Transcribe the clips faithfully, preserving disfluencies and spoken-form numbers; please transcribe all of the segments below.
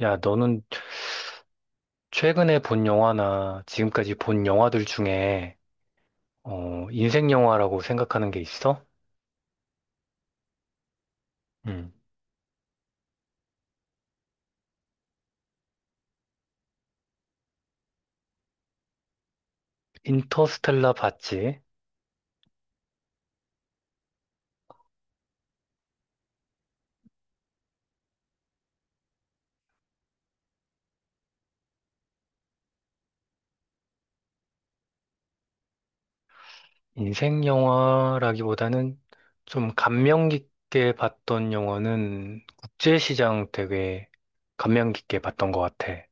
야, 너는 최근에 본 영화나 지금까지 본 영화들 중에 어, 인생 영화라고 생각하는 게 있어? 음. 인터스텔라 봤지? 인생 영화라기보다는 좀 감명 깊게 봤던 영화는 국제시장 되게 감명 깊게 봤던 것 같아.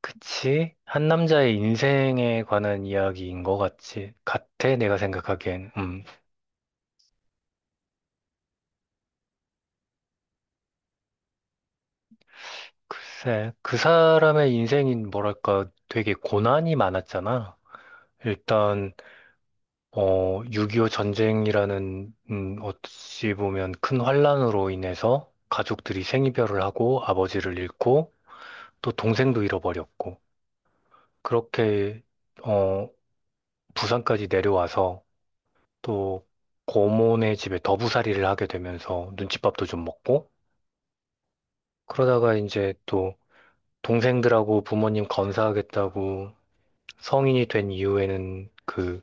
그치? 한 남자의 인생에 관한 이야기인 것 같지? 같아, 내가 생각하기엔. 음. 글쎄, 그 사람의 인생인 뭐랄까 되게 고난이 많았잖아. 일단, 어, 육이오 전쟁이라는, 음, 어찌 보면 큰 환란으로 인해서 가족들이 생이별을 하고 아버지를 잃고 또 동생도 잃어버렸고 그렇게, 어, 부산까지 내려와서 또 고모네 집에 더부살이를 하게 되면서 눈칫밥도 좀 먹고 그러다가 이제 또 동생들하고 부모님 건사하겠다고 성인이 된 이후에는 그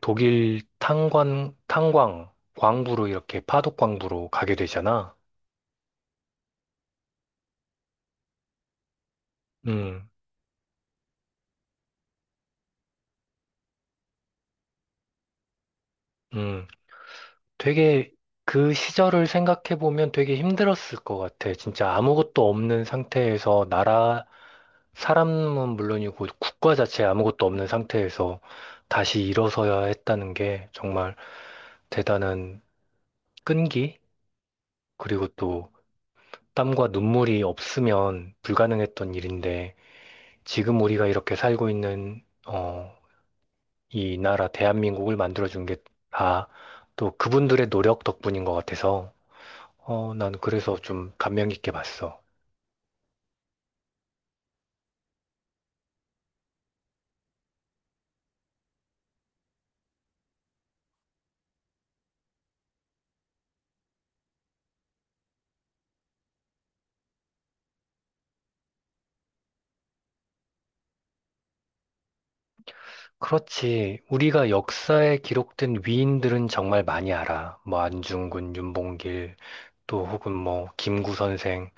독일 탄광, 탄광, 광부로 이렇게 파독광부로 가게 되잖아. 음, 음. 되게 그 시절을 생각해보면 되게 힘들었을 것 같아. 진짜 아무것도 없는 상태에서 나라, 사람은 물론이고 국가 자체에 아무것도 없는 상태에서 다시 일어서야 했다는 게 정말 대단한 끈기? 그리고 또 땀과 눈물이 없으면 불가능했던 일인데 지금 우리가 이렇게 살고 있는 어, 이 나라 대한민국을 만들어준 게 다 또 그분들의 노력 덕분인 것 같아서 어, 난 그래서 좀 감명 깊게 봤어. 그렇지. 우리가 역사에 기록된 위인들은 정말 많이 알아. 뭐 안중근, 윤봉길, 또 혹은 뭐 김구 선생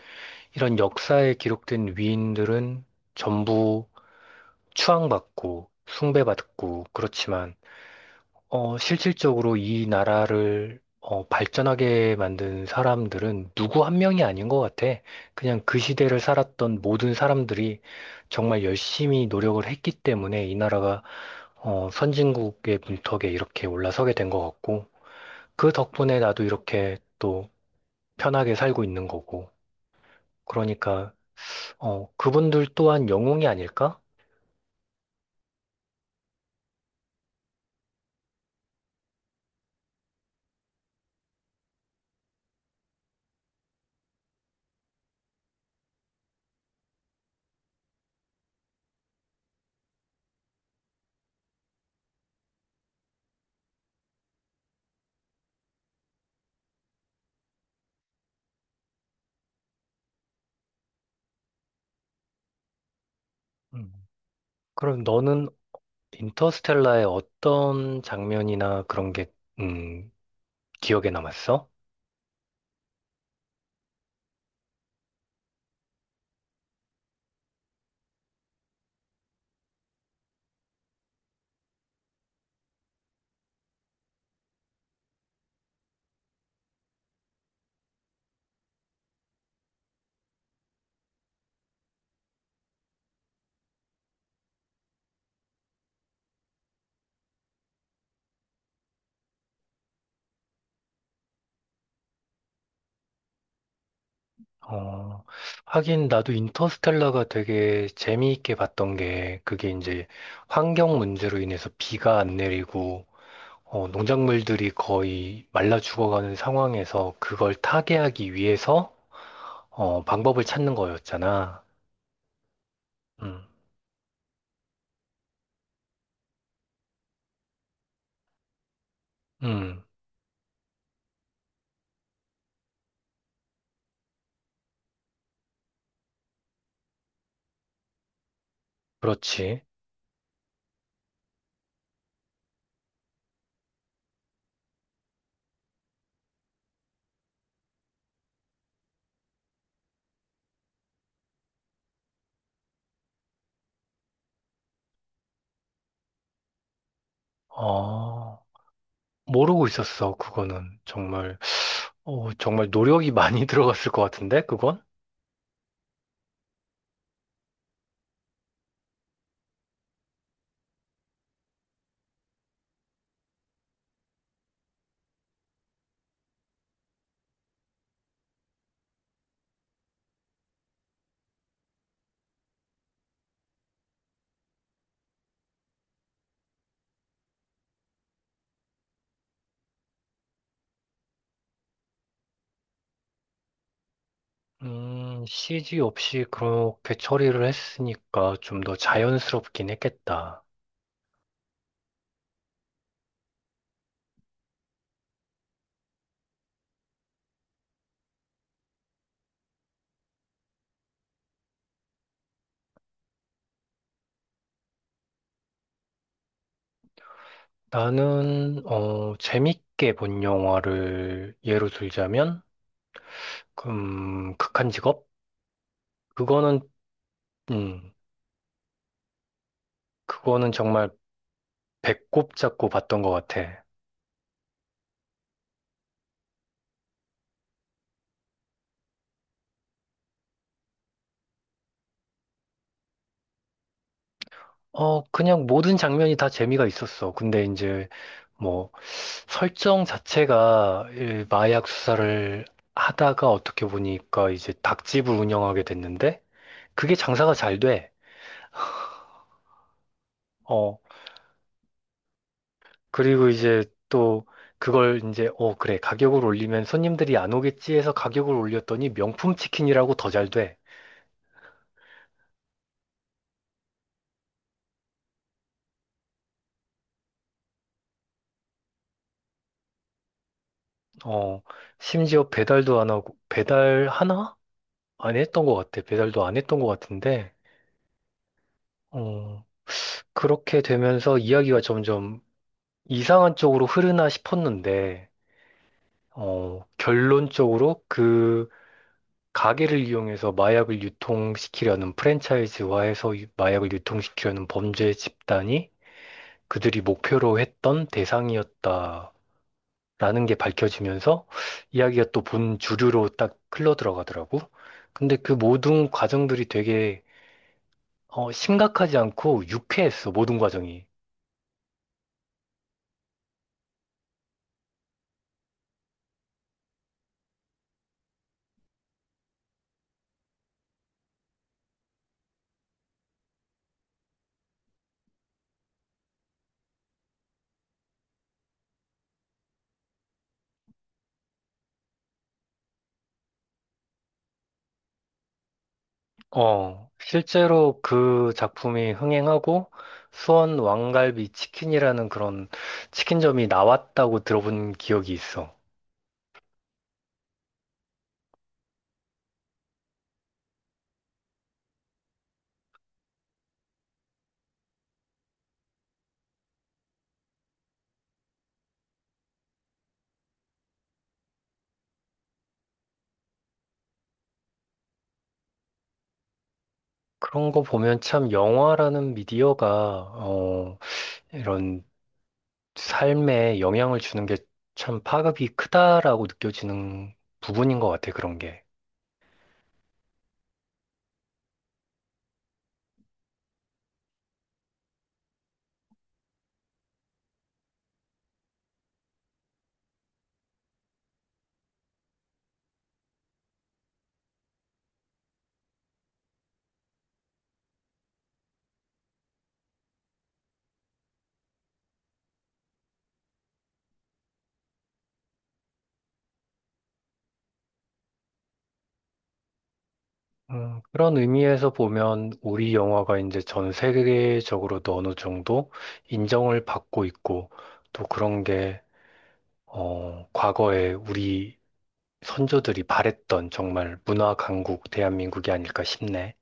이런 역사에 기록된 위인들은 전부 추앙받고 숭배받고 그렇지만 어, 실질적으로 이 나라를 어, 발전하게 만든 사람들은 누구 한 명이 아닌 것 같아. 그냥 그 시대를 살았던 모든 사람들이 정말 열심히 노력을 했기 때문에 이 나라가 어, 선진국의 문턱에 이렇게 올라서게 된 것 같고, 그 덕분에 나도 이렇게 또 편하게 살고 있는 거고. 그러니까 어, 그분들 또한 영웅이 아닐까? 음. 그럼 너는 인터스텔라의 어떤 장면이나 그런 게 음, 기억에 남았어? 어, 하긴 나도 인터스텔라가 되게 재미있게 봤던 게 그게 이제 환경 문제로 인해서 비가 안 내리고 어, 농작물들이 거의 말라 죽어가는 상황에서 그걸 타개하기 위해서 어, 방법을 찾는 거였잖아. 음, 음, 그렇지. 어, 모르고 있었어. 그거는 정말 어, 정말 노력이 많이 들어갔을 것 같은데 그건? 음, 씨지 없이 그렇게 처리를 했으니까 좀 더 자연스럽긴 했겠다. 나는, 어, 재밌게 본 영화를 예로 들자면, 음, 극한 직업? 그거는, 음, 그거는 정말 배꼽 잡고 봤던 것 같아. 어, 그냥 모든 장면이 다 재미가 있었어. 근데 이제, 뭐, 설정 자체가 이 마약 수사를 하다가 어떻게 보니까 이제 닭집을 운영하게 됐는데, 그게 장사가 잘 돼. 어, 그리고 이제 또 그걸 이제, 어, 그래, 가격을 올리면 손님들이 안 오겠지 해서 가격을 올렸더니 명품 치킨이라고 더 잘 돼. 어, 심지어 배달도 안 하고, 배달 하나? 안 했던 것 같아. 배달도 안 했던 것 같은데, 어, 그렇게 되면서 이야기가 점점 이상한 쪽으로 흐르나 싶었는데, 어, 결론적으로 그 가게를 이용해서 마약을 유통시키려는 프랜차이즈화해서 유- 마약을 유통시키려는 범죄 집단이 그들이 목표로 했던 대상이었다라는 게 밝혀지면서 이야기가 또 본 주류로 딱 흘러 들어가더라고. 근데 그 모든 과정들이 되게 어, 심각하지 않고 유쾌했어, 모든 과정이. 어, 실제로 그 작품이 흥행하고 수원 왕갈비 치킨이라는 그런 치킨점이 나왔다고 들어본 기억이 있어. 그런 거 보면 참 영화라는 미디어가 어, 이런 삶에 영향을 주는 게 참 파급이 크다라고 느껴지는 부분인 것 같아, 그런 게. 음, 그런 의미에서 보면 우리 영화가 이제 전 세계적으로도 어느 정도 인정을 받고 있고 또 그런 게 어, 과거에 우리 선조들이 바랬던 정말 문화 강국 대한민국이 아닐까 싶네.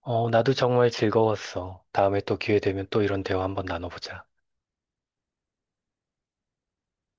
어, 나도 정말 즐거웠어. 다음에 또 기회 되면 또 이런 대화 한번 나눠보자.